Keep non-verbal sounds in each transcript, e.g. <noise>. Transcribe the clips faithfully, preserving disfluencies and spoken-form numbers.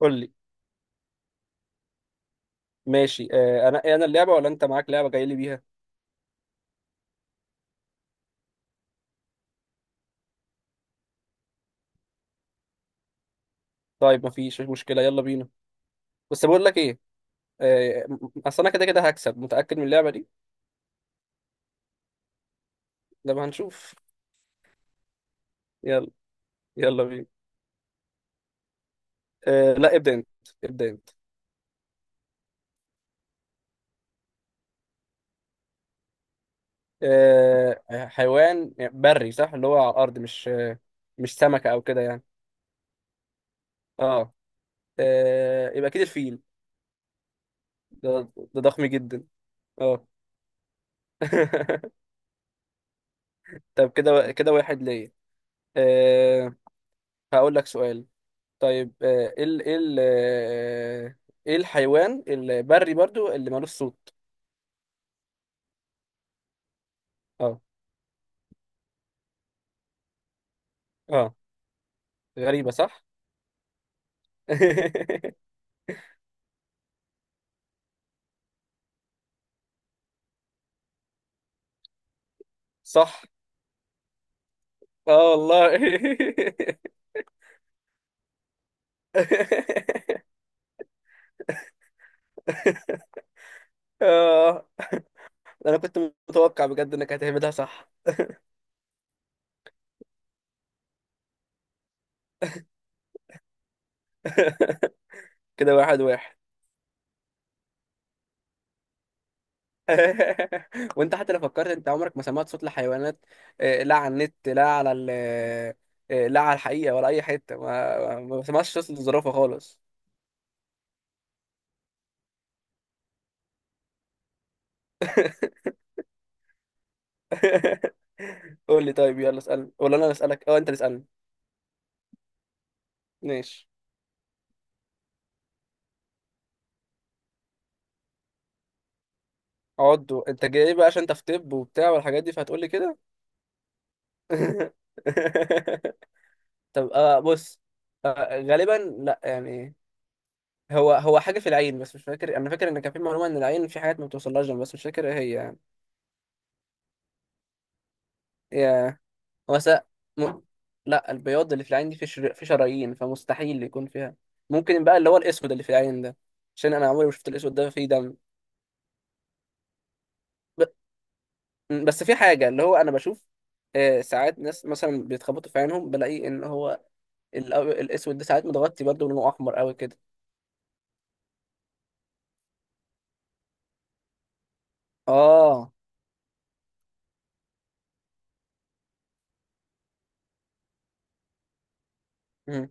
قول لي. ماشي، آه انا إيه، انا اللعبه ولا انت معاك لعبه جاي لي بيها؟ طيب مفيش مشكله، يلا بينا. بس بقول لك ايه. آه م- اصل انا كده كده هكسب، متاكد من اللعبه دي. لما هنشوف. يلا. يلا بينا. آه لا، ابدا انت. ابدا انت. آه حيوان بري صح، اللي هو على الارض، مش آه مش سمكه او كده يعني. اه، آه يبقى اكيد الفيل. ده, ده ضخم جدا. اه. <laughs> طب كده كده واحد ليا. آه. هقول لك سؤال. طيب، آه، ايه ال- ايه ال- آه، ايه الحيوان البري برضو اللي مالوش صوت؟ اه. اه. غريبة صح. <laughs> صح. اه والله. <laughs> اه. انا كنت متوقع بجد انك هتعملها صح. <laughs> كده واحد واحد. <laughs> وانت حتى لو فكرت، انت عمرك ما سمعت صوت لحيوانات؟ آه، لا على النت، لا على ال آه، لا على الحقيقة ولا اي حتة، ما ما ما سمعتش صوت الزرافة خالص. <laughs> قول لي. طيب يلا اسألني، ولا انا اللي اسألك؟ اه، انت اللي اسألني. ماشي. عضو؟ انت جاي بقى عشان انت في طب وبتاع والحاجات دي فهتقول لي كده. <laughs> طب آه بص. آه غالبا. لا يعني. هو هو حاجة في العين، بس مش فاكر. انا فاكر ان كان في معلومة ان العين في حاجات ما بتوصلهاش جنب، بس مش فاكر ايه هي يعني. يا هو س... م... لا، البياض اللي في العين دي في شر... في شرايين، فمستحيل يكون فيها. ممكن بقى اللي هو الاسود اللي في العين ده، عشان انا عمري ما شفت الاسود ده فيه دم. مم. بس في حاجة اللي هو أنا بشوف، آه، ساعات ناس مثلا بيتخبطوا في عينهم، بلاقي إن هو ال- الأسود ده ساعات متغطي برضه لونه أحمر أوي كده. آه. مم.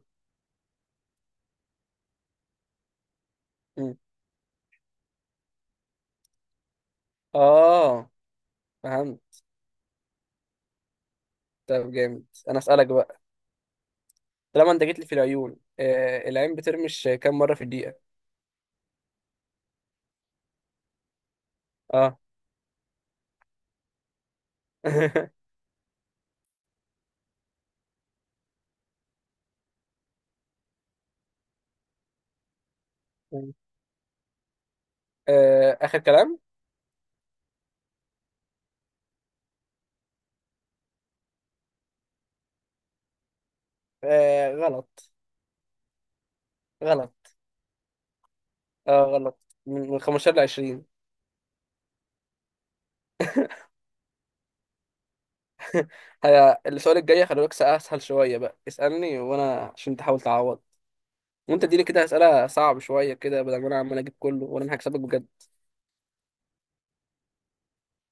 مم. آه، فهمت. طب جامد، أنا أسألك بقى. طالما أنت جيت لي في العيون، آه، العين بترمش كام مرة في الدقيقة؟ آه. <laughs> م. آه، آخر كلام. آه، غلط. غلط. آه غلط. من من خمسة عشر ل عشرين. السؤال الجاي خلي بالك، سأ- أسهل شوية بقى اسألني، وأنا عشان تحاول تعوض. وانت اديني كده اسئله صعب شويه كده، بدل ما انا عمال اجيب كله، وانا انا هكسبك بجد.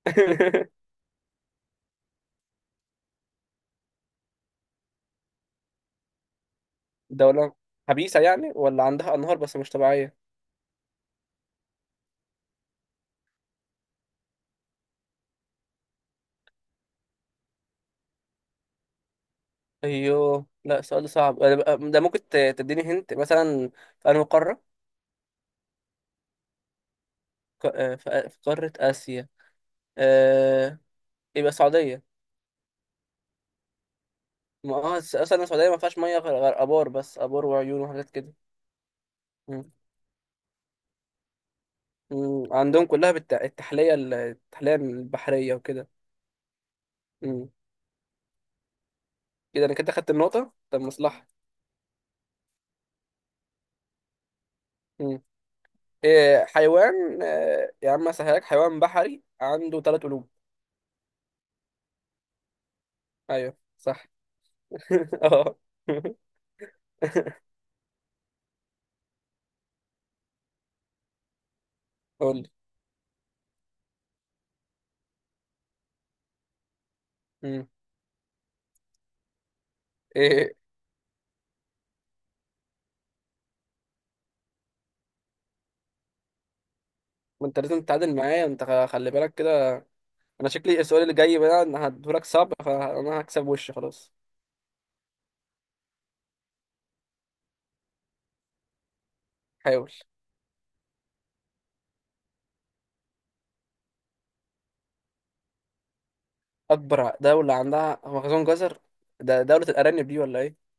<laughs> دوله خبيثه يعني، ولا عندها انهار بس مش طبيعيه؟ ايوه، لا السؤال ده صعب. أنا بقى- ده ممكن ت- تديني هنت مثلا في انهي قاره. ق- آه، في آ- في قاره اسيا. آه، يبقى السعوديه. ما اه الس- اصلا السعوديه ما فيهاش ميه غير غير ابار، بس ابار وعيون وحاجات كده. مم. مم. عندهم كلها بالت- التحليه، ال- التحليه البحريه وكده. مم. كده انا كده خدت النقطه، طب مصلحه. إيه حيوان، آه، يا عم اسهلك، حيوان بحري عنده ثلاث قلوب؟ ايوه صح. <laughs> اه. <laughs> قول لي. مم. ايه. ما انت لازم تتعادل معايا، انت خ- خلي بالك كده. انا شكلي السؤال اللي جاي بقى انا هديهولك صعب، فانا هكسب وش خلاص. حاول. اكبر دولة عندها مخزون جزر؟ ده دولة الارانب دي ولا ايه؟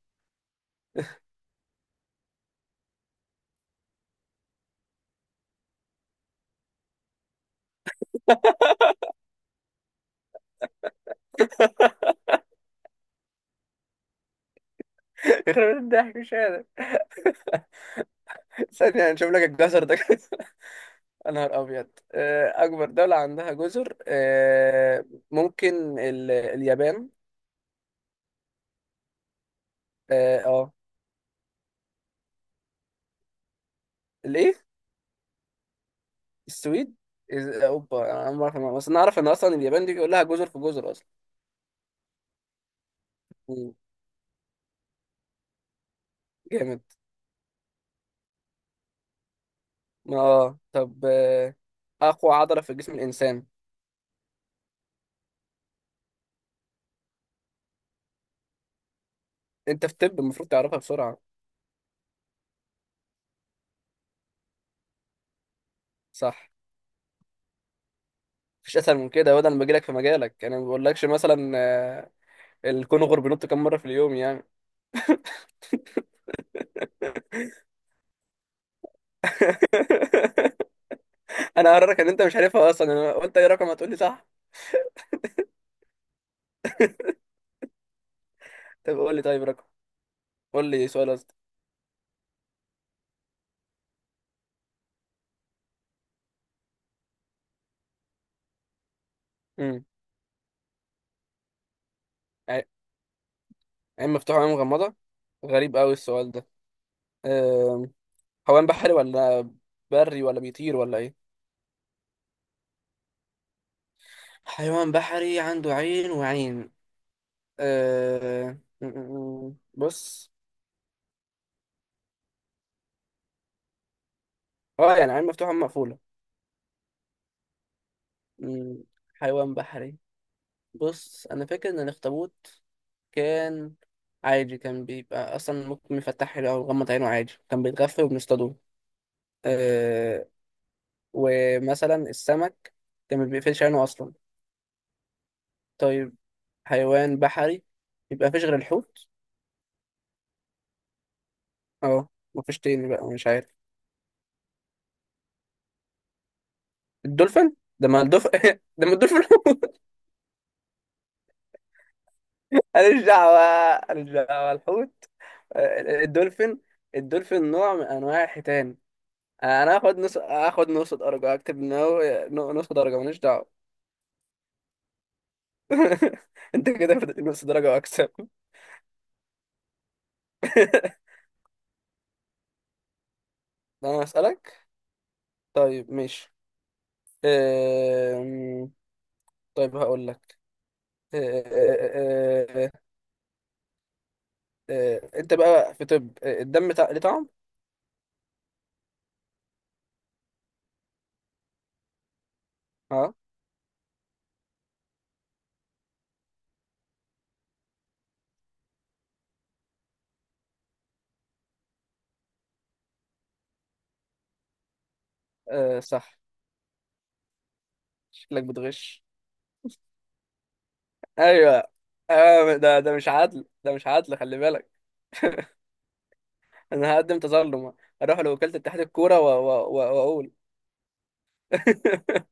<laughs> يخرب بيت الضحك، مش قادر. ثانية نشوف لك الجزر ده. <laughs> يا نهار ابيض، آه، اكبر دولة عندها جزر آه، ممكن ال- اليابان. اه. آه. الايه؟ السويد. إز- اوبا، انا ما اعرف، بس انا اعرف ان اصلا اليابان دي كلها جزر في جزر اصلا. مم. جامد. اه. طب، آه، اقوى عضله في جسم الانسان؟ انت في الطب المفروض تعرفها بسرعه. صح. مفيش اسهل من كده. وده انا بجيلك في مجالك، انا ما بقولكش مثلا آه، الكونغر بينط كام مره في اليوم يعني. <laughs> انا هقررك ان انت مش عارفها اصلا، انا قلت اي رقم هتقول لي صح. طب قول لي. طيب رقم. قول لي سؤال قصدي. امم. عين مفتوحه وعين مغمضه. غريب قوي السؤال ده. آه، حيوان بحري ولا بري ولا بيطير ولا ايه؟ حيوان بحري عنده عين وعين. أه... م- م- م. بص. اه، يعني عين مفتوحة مقفولة. م. حيوان بحري. بص أنا فاكر إن الأخطبوط كان عادي، كان بيبقى أصلا ممكن يفتح له أو يغمض عينه عادي، كان بيتغفل وبنصطادوه. أه... ومثلا السمك كان ما بيقفلش عينه أصلا. طيب، حيوان بحري، يبقى مفيش غير الحوت. اه. مفيش تاني بقى، مش عارف. الدولفين ده؟ ما الدولفين <laughs> ده، ما الدولفين <laughs> حوت. ماليش دعوة. ماليش دعوة، الحوت. آه، الدولفين. الدولفين نوع من انواع الحيتان. انا هاخد نص، هاخد نص درجة، اكتب ان هو. نص درجة، ماليش دعوة. <laughs> انت كده فاضل نص درجة واكسب. انا هسألك. طيب ماشي. أم... طيب هقول لك. أه، أه، أه، أه، أه، آه، انت بقى في طب، آه، الدم بتاع ليه طعم؟ اه. أه، صح. شكلك بتغش. ايوه. آه ده ده مش عدل، ده مش عدل، خلي بالك. انا هقدم تظلم، اروح لوكالة اتحاد الكورة و- و- و- واقول. <laughs>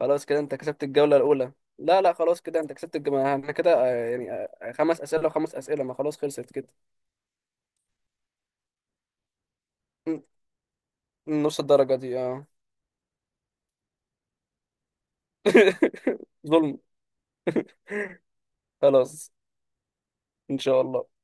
خلاص كده انت كسبت الجولة الاولى. لا لا، خلاص كده انت كسبت الجولة، احنا كده آه، يعني آه، خمس اسئلة وخمس اسئلة، ما خلاص، خلصت كده. ن- نص الدرجة دي اه. <laughs> ظلم. خلاص ان شاء الله.